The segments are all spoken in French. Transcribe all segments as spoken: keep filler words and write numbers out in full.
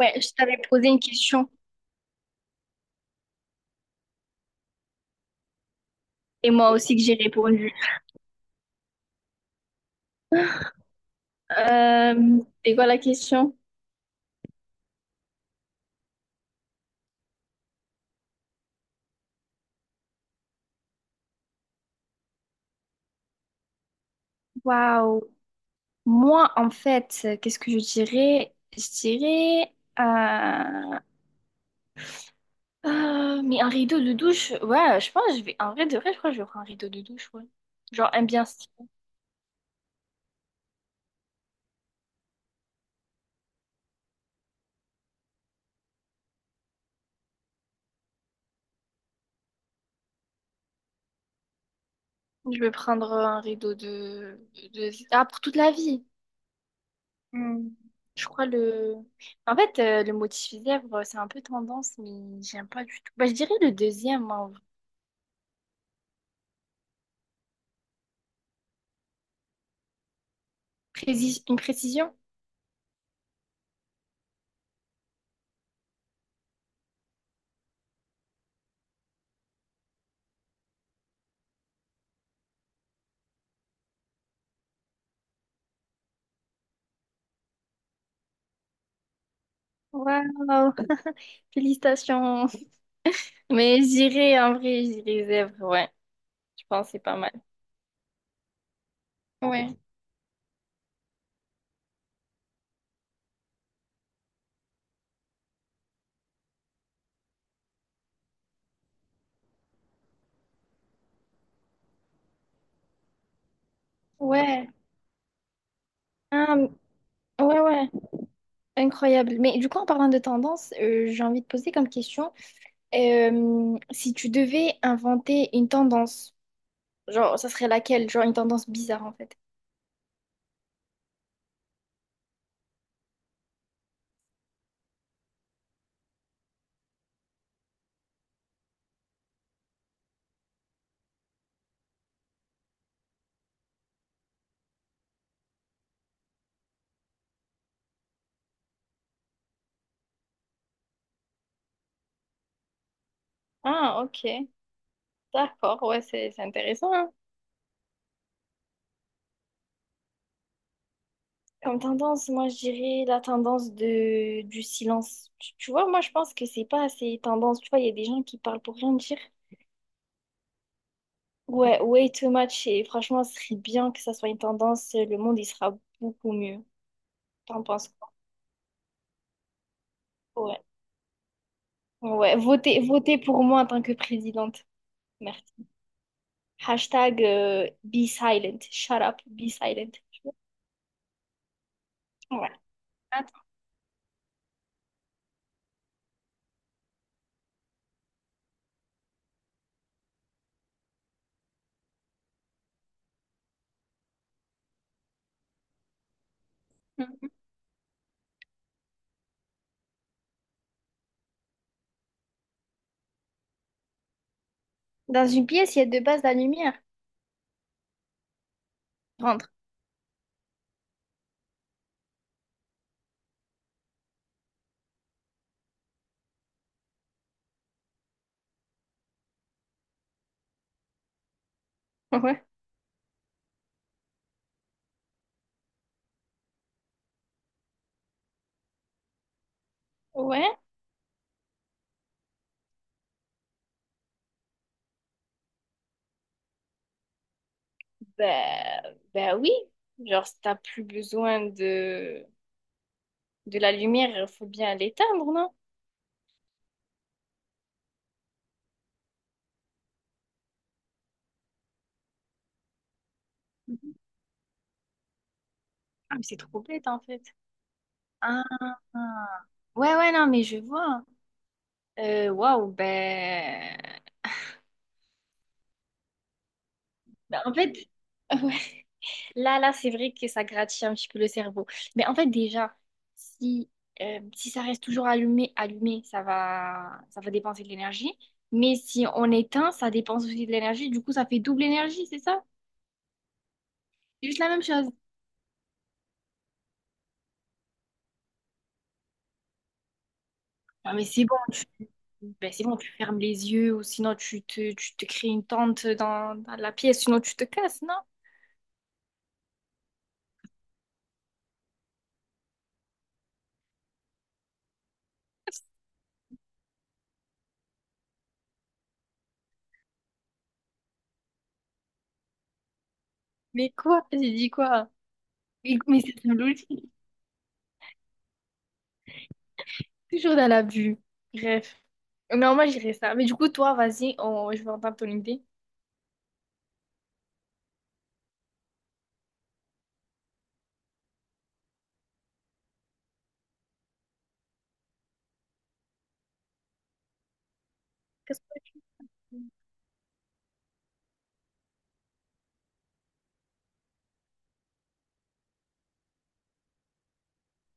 Ouais, je t'avais posé une question et moi aussi que j'ai répondu. Euh, c'est quoi la question? Waouh. Moi, en fait, euh, qu'est-ce que je dirais? Je dirais. euh, euh, mais un rideau de douche, ouais, je pense que je vais. En vrai, de vrai, je crois que je vais prendre un rideau de douche, ouais. Genre, un bien stylé. Je vais prendre un rideau de, de... Ah, pour toute la vie. Hmm. Je crois le. En fait, euh, le motif lèvres, c'est un peu tendance, mais j'aime pas du tout. Bah, je dirais le deuxième, en Prési- une précision? Waouh, félicitations. Mais j'irai en vrai, j'irai zèbre, ouais. Je pense que c'est pas mal. Ouais, ouais. Ah, ouais, ouais, incroyable. Mais du coup, en parlant de tendance, euh, j'ai envie de poser comme question, euh, si tu devais inventer une tendance, genre, ça serait laquelle? Genre, une tendance bizarre, en fait. Ah, ok. D'accord, ouais, c'est c'est intéressant, hein. Comme tendance, moi, je dirais la tendance de, du silence. Tu, tu vois, moi, je pense que c'est pas assez tendance. Tu vois, il y a des gens qui parlent pour rien dire. Ouais, way too much. Et franchement, ce serait bien que ça soit une tendance. Le monde, il sera beaucoup mieux. T'en penses quoi? Ouais. Ouais, votez, votez pour moi en tant que présidente. Merci. Hashtag euh, be silent. Shut up, be silent. Ouais. Attends. Dans une pièce, il y a deux bases de la lumière. Rentre. Ouais. Ouais. Ben, ben oui, genre si t'as plus besoin de, de la lumière, il faut bien l'éteindre, non? Ah, mais c'est trop bête en fait. Ah, ouais, ouais, non, mais je vois. Euh, Waouh, ben... ben... En fait, ouais. Là, là, c'est vrai que ça gratifie un petit peu le cerveau. Mais en fait, déjà, si, euh, si ça reste toujours allumé, allumé, ça va, ça va dépenser de l'énergie. Mais si on éteint, ça dépense aussi de l'énergie. Du coup, ça fait double énergie, c'est ça? C'est juste la même chose. Ah, mais c'est Ben c'est bon, tu fermes les yeux ou sinon tu te, tu te crées une tente dans, dans la pièce, sinon tu te casses, non? Mais quoi? J'ai dit quoi? Mais, mais c'est une logique, toujours dans l'abus. Bref, non, moi j'irais ça. Mais du coup, toi, vas-y, on- je vais entendre ton idée. Qu'est-ce que tu... fais?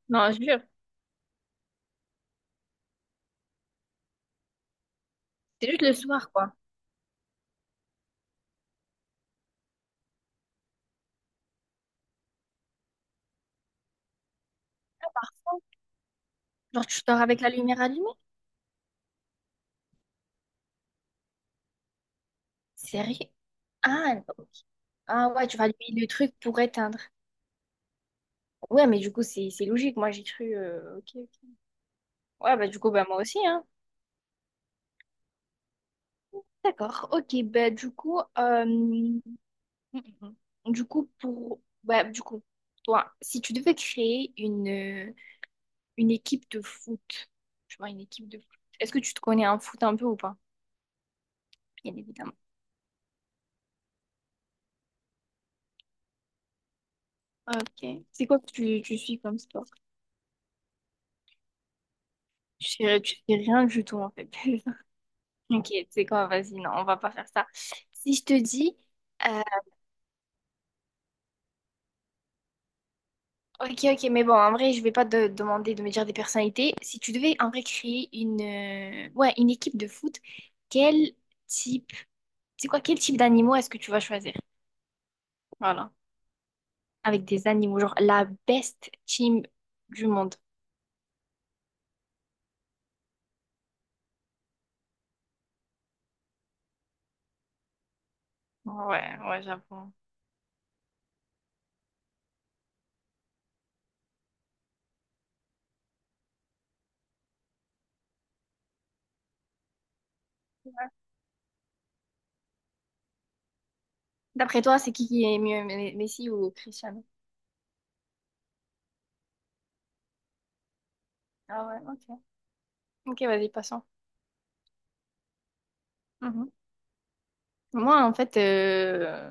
Non, je jure, c'est juste le soir, quoi. Genre, tu dors avec la lumière allumée? Sérieux? Ah, ok. Ah ouais, tu vas allumer le truc pour éteindre. Ouais, mais du coup, c'est c'est logique. Moi, j'ai cru... euh, ok, ok. Ouais, bah du coup, bah moi aussi, hein. D'accord, ok, bah du coup, euh, du coup, pour, bah du coup, toi, si tu devais créer une, euh, une équipe de foot, tu vois, une équipe de foot, est-ce que tu te connais en foot un peu ou pas? Bien évidemment. Ok, c'est quoi que tu, tu suis comme sport? Tu fais, tu fais rien du tout en fait. Ok, c'est quoi, vas-y, non, on va pas faire ça. Si je te dis euh, ok, ok, mais bon, en vrai, je vais pas te demander de me dire des personnalités. Si tu devais en vrai créer une, euh, ouais, une équipe de foot, quel type, c'est quoi, quel type d'animaux est-ce que tu vas choisir? Voilà. Avec des animaux, genre la best team du monde. Ouais, ouais, j'avoue. D'après toi, c'est qui qui est mieux, Me- Messi ou Cristiano? Ah ouais, ok. Ok, vas-y, passons. Mhm. Moi, en fait, euh,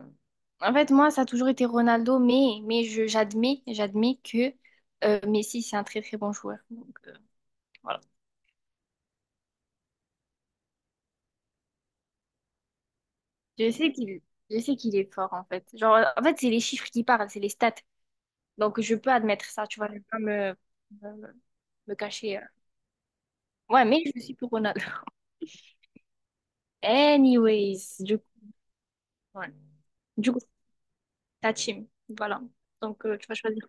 en fait, moi, ça a toujours été Ronaldo, mais, mais je, j'admets, j'admets que euh, Messi, c'est un très très bon joueur. Donc, euh, voilà. Je sais qu'il, je sais qu'il est fort, en fait. Genre, en fait, c'est les chiffres qui parlent, c'est les stats. Donc, je peux admettre ça, tu vois, je vais pas me, me, me cacher. euh. Ouais, mais je suis pour Ronaldo. Anyways, du coup, ouais. Du coup, ta team. Voilà. Donc, euh, tu vas choisir.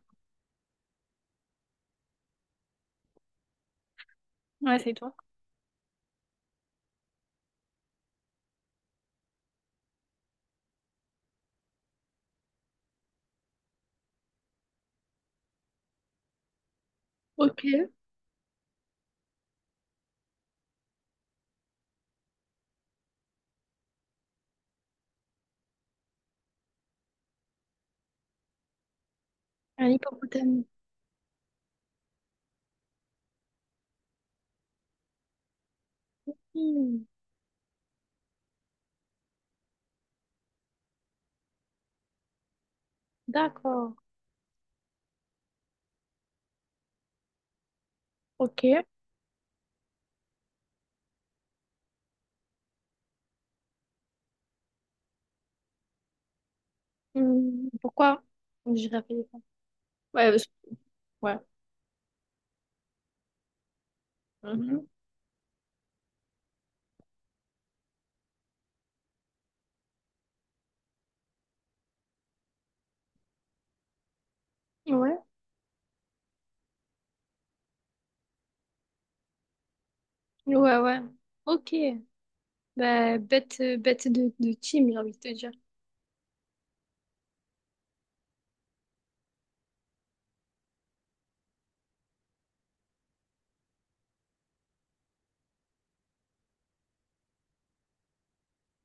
Ouais, c'est toi. Ok. Un hippopotame. Hmm, d'accord. Ok. Hmm, pourquoi? Je réfléchis. Ouais, parce- ouais. Mhm. Ouais, ouais, ouais. Ok. Bah, bête, bête de, de team, j'ai envie de te dire.